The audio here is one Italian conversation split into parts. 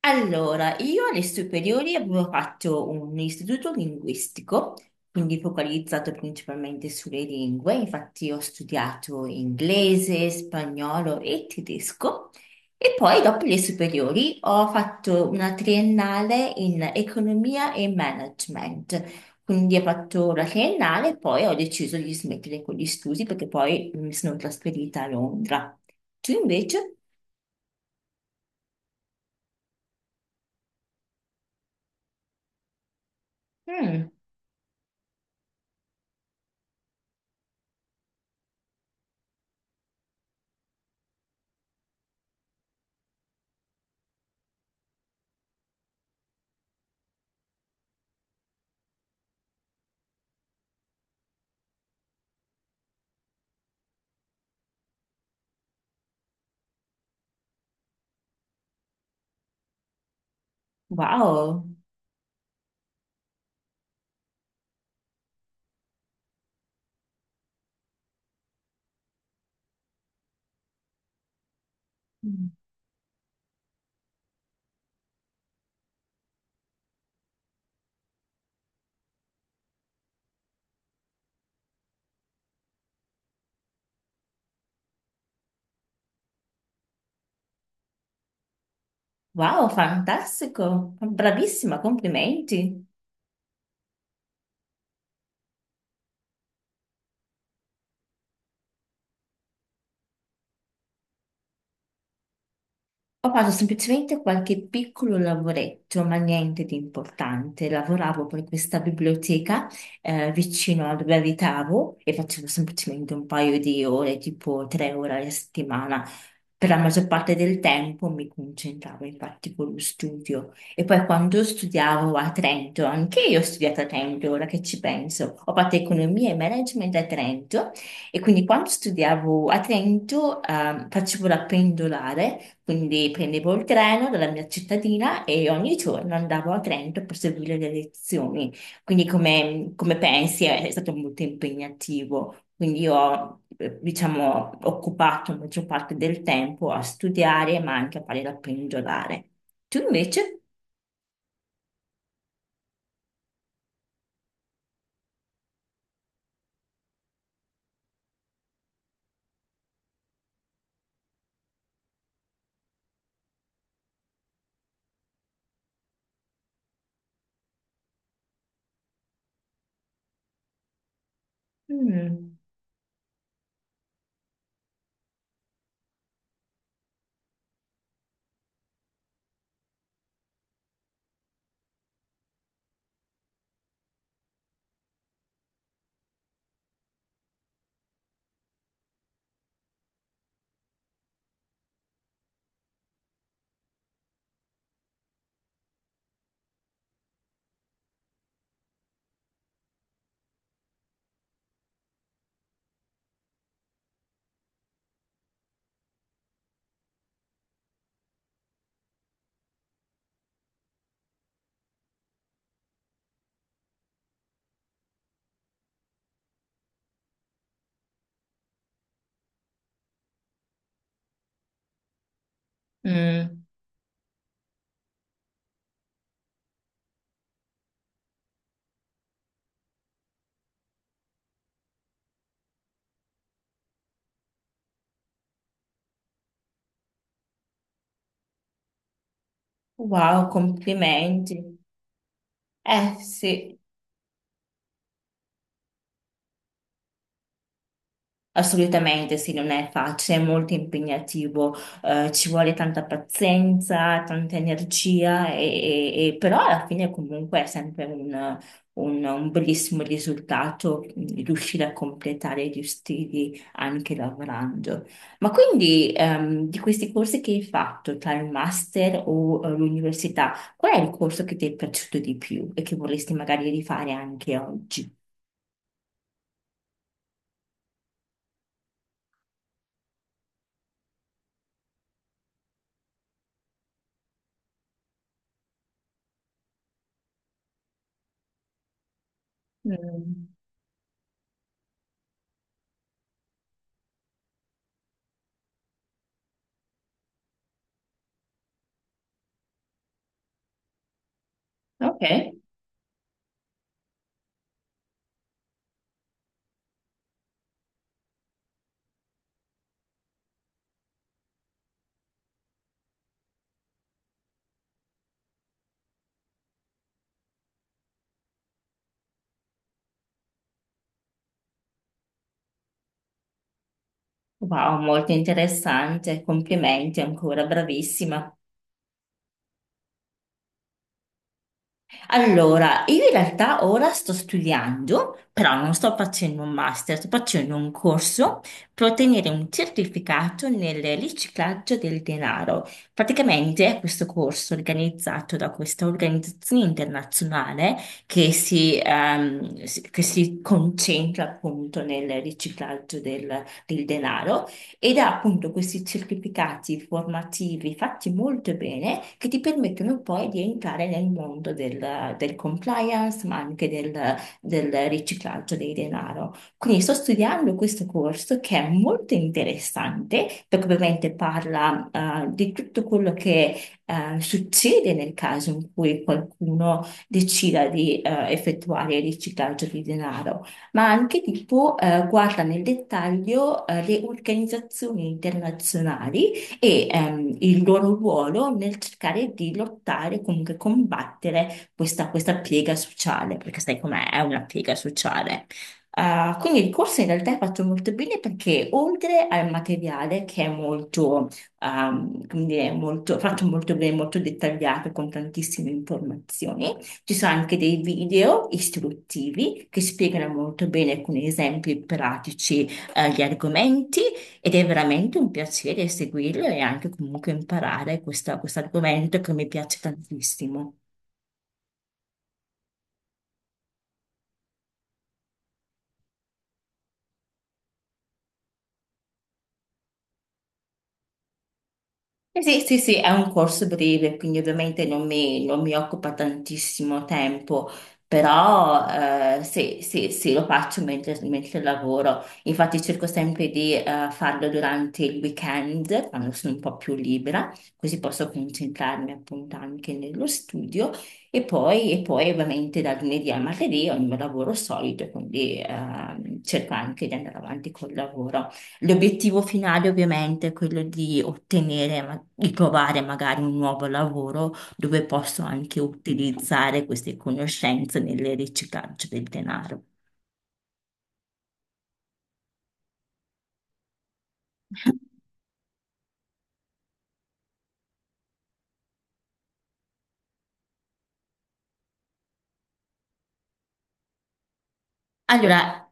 Allora, io alle superiori avevo fatto un istituto linguistico, quindi focalizzato principalmente sulle lingue, infatti ho studiato inglese, spagnolo e tedesco e poi dopo le superiori ho fatto una triennale in economia e management, quindi ho fatto la triennale e poi ho deciso di smettere con gli studi perché poi mi sono trasferita a Londra. Tu invece? Mm. Wow. Wow, fantastico, bravissima, complimenti. Ho fatto semplicemente qualche piccolo lavoretto, ma niente di importante. Lavoravo per questa biblioteca vicino a dove abitavo e facevo semplicemente un paio di ore, tipo tre ore alla settimana. Per la maggior parte del tempo mi concentravo infatti con lo studio. E poi quando studiavo a Trento, anche io ho studiato a Trento, ora che ci penso, ho fatto economia e management a Trento e quindi quando studiavo a Trento facevo la pendolare quindi prendevo il treno dalla mia cittadina e ogni giorno andavo a Trento per seguire le lezioni. Quindi come, come pensi è stato molto impegnativo. Quindi io ho, diciamo, occupato la maggior parte del tempo a studiare, ma anche a fare la pendolare. Tu invece? Mm. Mm. Wow, complimenti. Eh sì. Assolutamente, sì, non è facile, è molto impegnativo, ci vuole tanta pazienza, tanta energia, però alla fine comunque è sempre un, un bellissimo risultato mm, riuscire a completare gli stili anche lavorando. Ma quindi di questi corsi che hai fatto tra il master o l'università, qual è il corso che ti è piaciuto di più e che vorresti magari rifare anche oggi? Mm. Ok. Wow, molto interessante, complimenti ancora, bravissima. Allora, io in realtà ora sto studiando, però non sto facendo un master, sto facendo un corso per ottenere un certificato nel riciclaggio del denaro. Praticamente è questo corso organizzato da questa organizzazione internazionale che che si concentra appunto nel riciclaggio del denaro ed ha appunto questi certificati formativi fatti molto bene che ti permettono poi di entrare nel mondo del compliance, ma anche del, del riciclaggio dei denaro. Quindi sto studiando questo corso che è molto interessante perché ovviamente parla di tutto quello che succede nel caso in cui qualcuno decida di effettuare il riciclaggio di denaro ma anche tipo guarda nel dettaglio le organizzazioni internazionali e il loro ruolo nel cercare di lottare, comunque combattere questa, questa piega sociale, perché sai com'è, è una piega sociale. Ah, quindi il corso in realtà è fatto molto bene perché oltre al materiale che è molto, come dire, molto, fatto molto bene, molto dettagliato con tantissime informazioni, ci sono anche dei video istruttivi che spiegano molto bene con esempi pratici, gli argomenti ed è veramente un piacere seguirlo e anche comunque imparare questo argomento che mi piace tantissimo. Eh sì, sì, sì, è un corso breve, quindi ovviamente non mi occupa tantissimo tempo, però sì, sì, sì, lo faccio mentre lavoro. Infatti cerco sempre di farlo durante il weekend, quando sono un po' più libera, così posso concentrarmi appunto anche nello studio e e poi ovviamente da lunedì a martedì ho il mio lavoro solito, quindi cerco anche di andare avanti col lavoro. L'obiettivo finale ovviamente è quello di di trovare magari un nuovo lavoro dove posso anche utilizzare queste conoscenze nel riciclaggio del denaro. Allora,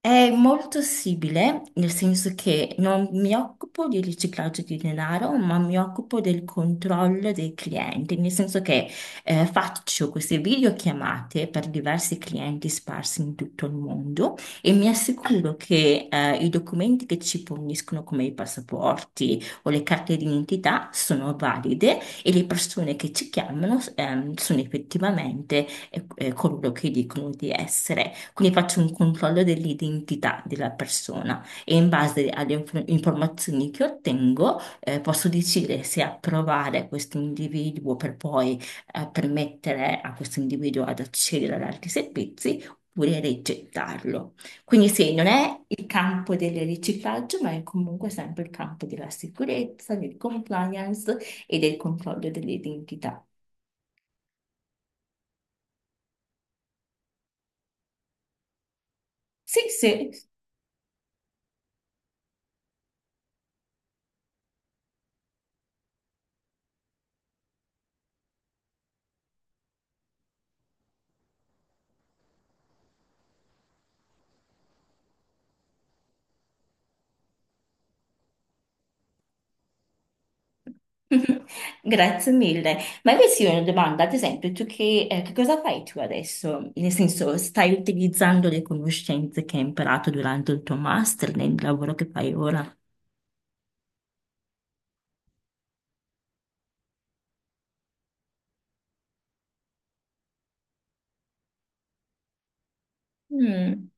è molto simile, nel senso che non mi occupo di riciclaggio di denaro, ma mi occupo del controllo dei clienti, nel senso che faccio queste videochiamate per diversi clienti sparsi in tutto il mondo e mi assicuro che i documenti che ci forniscono, come i passaporti o le carte d'identità, sono valide e le persone che ci chiamano sono effettivamente coloro che dicono di essere. Quindi faccio un controllo dell'identità della persona e in base alle informazioni che ottengo, posso decidere se approvare questo individuo per permettere a questo individuo ad accedere ad altri servizi oppure rigettarlo. Quindi sì, non è il campo del riciclaggio, ma è comunque sempre il campo della sicurezza, del compliance e del controllo dell'identità. Sì, sì. Grazie mille. Ma questa è una domanda, ad esempio, tu che cosa fai tu adesso? Nel senso, stai utilizzando le conoscenze che hai imparato durante il tuo master nel lavoro che fai ora? Mm,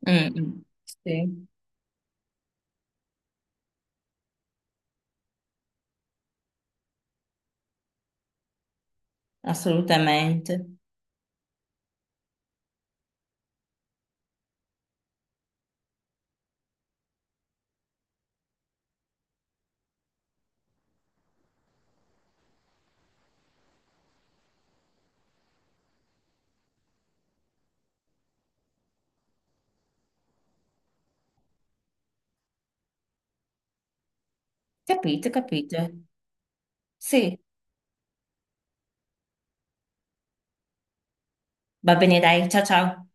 mm, mm. Sì, assolutamente. Capito, capito. Sì, va bene, dai, ciao ciao.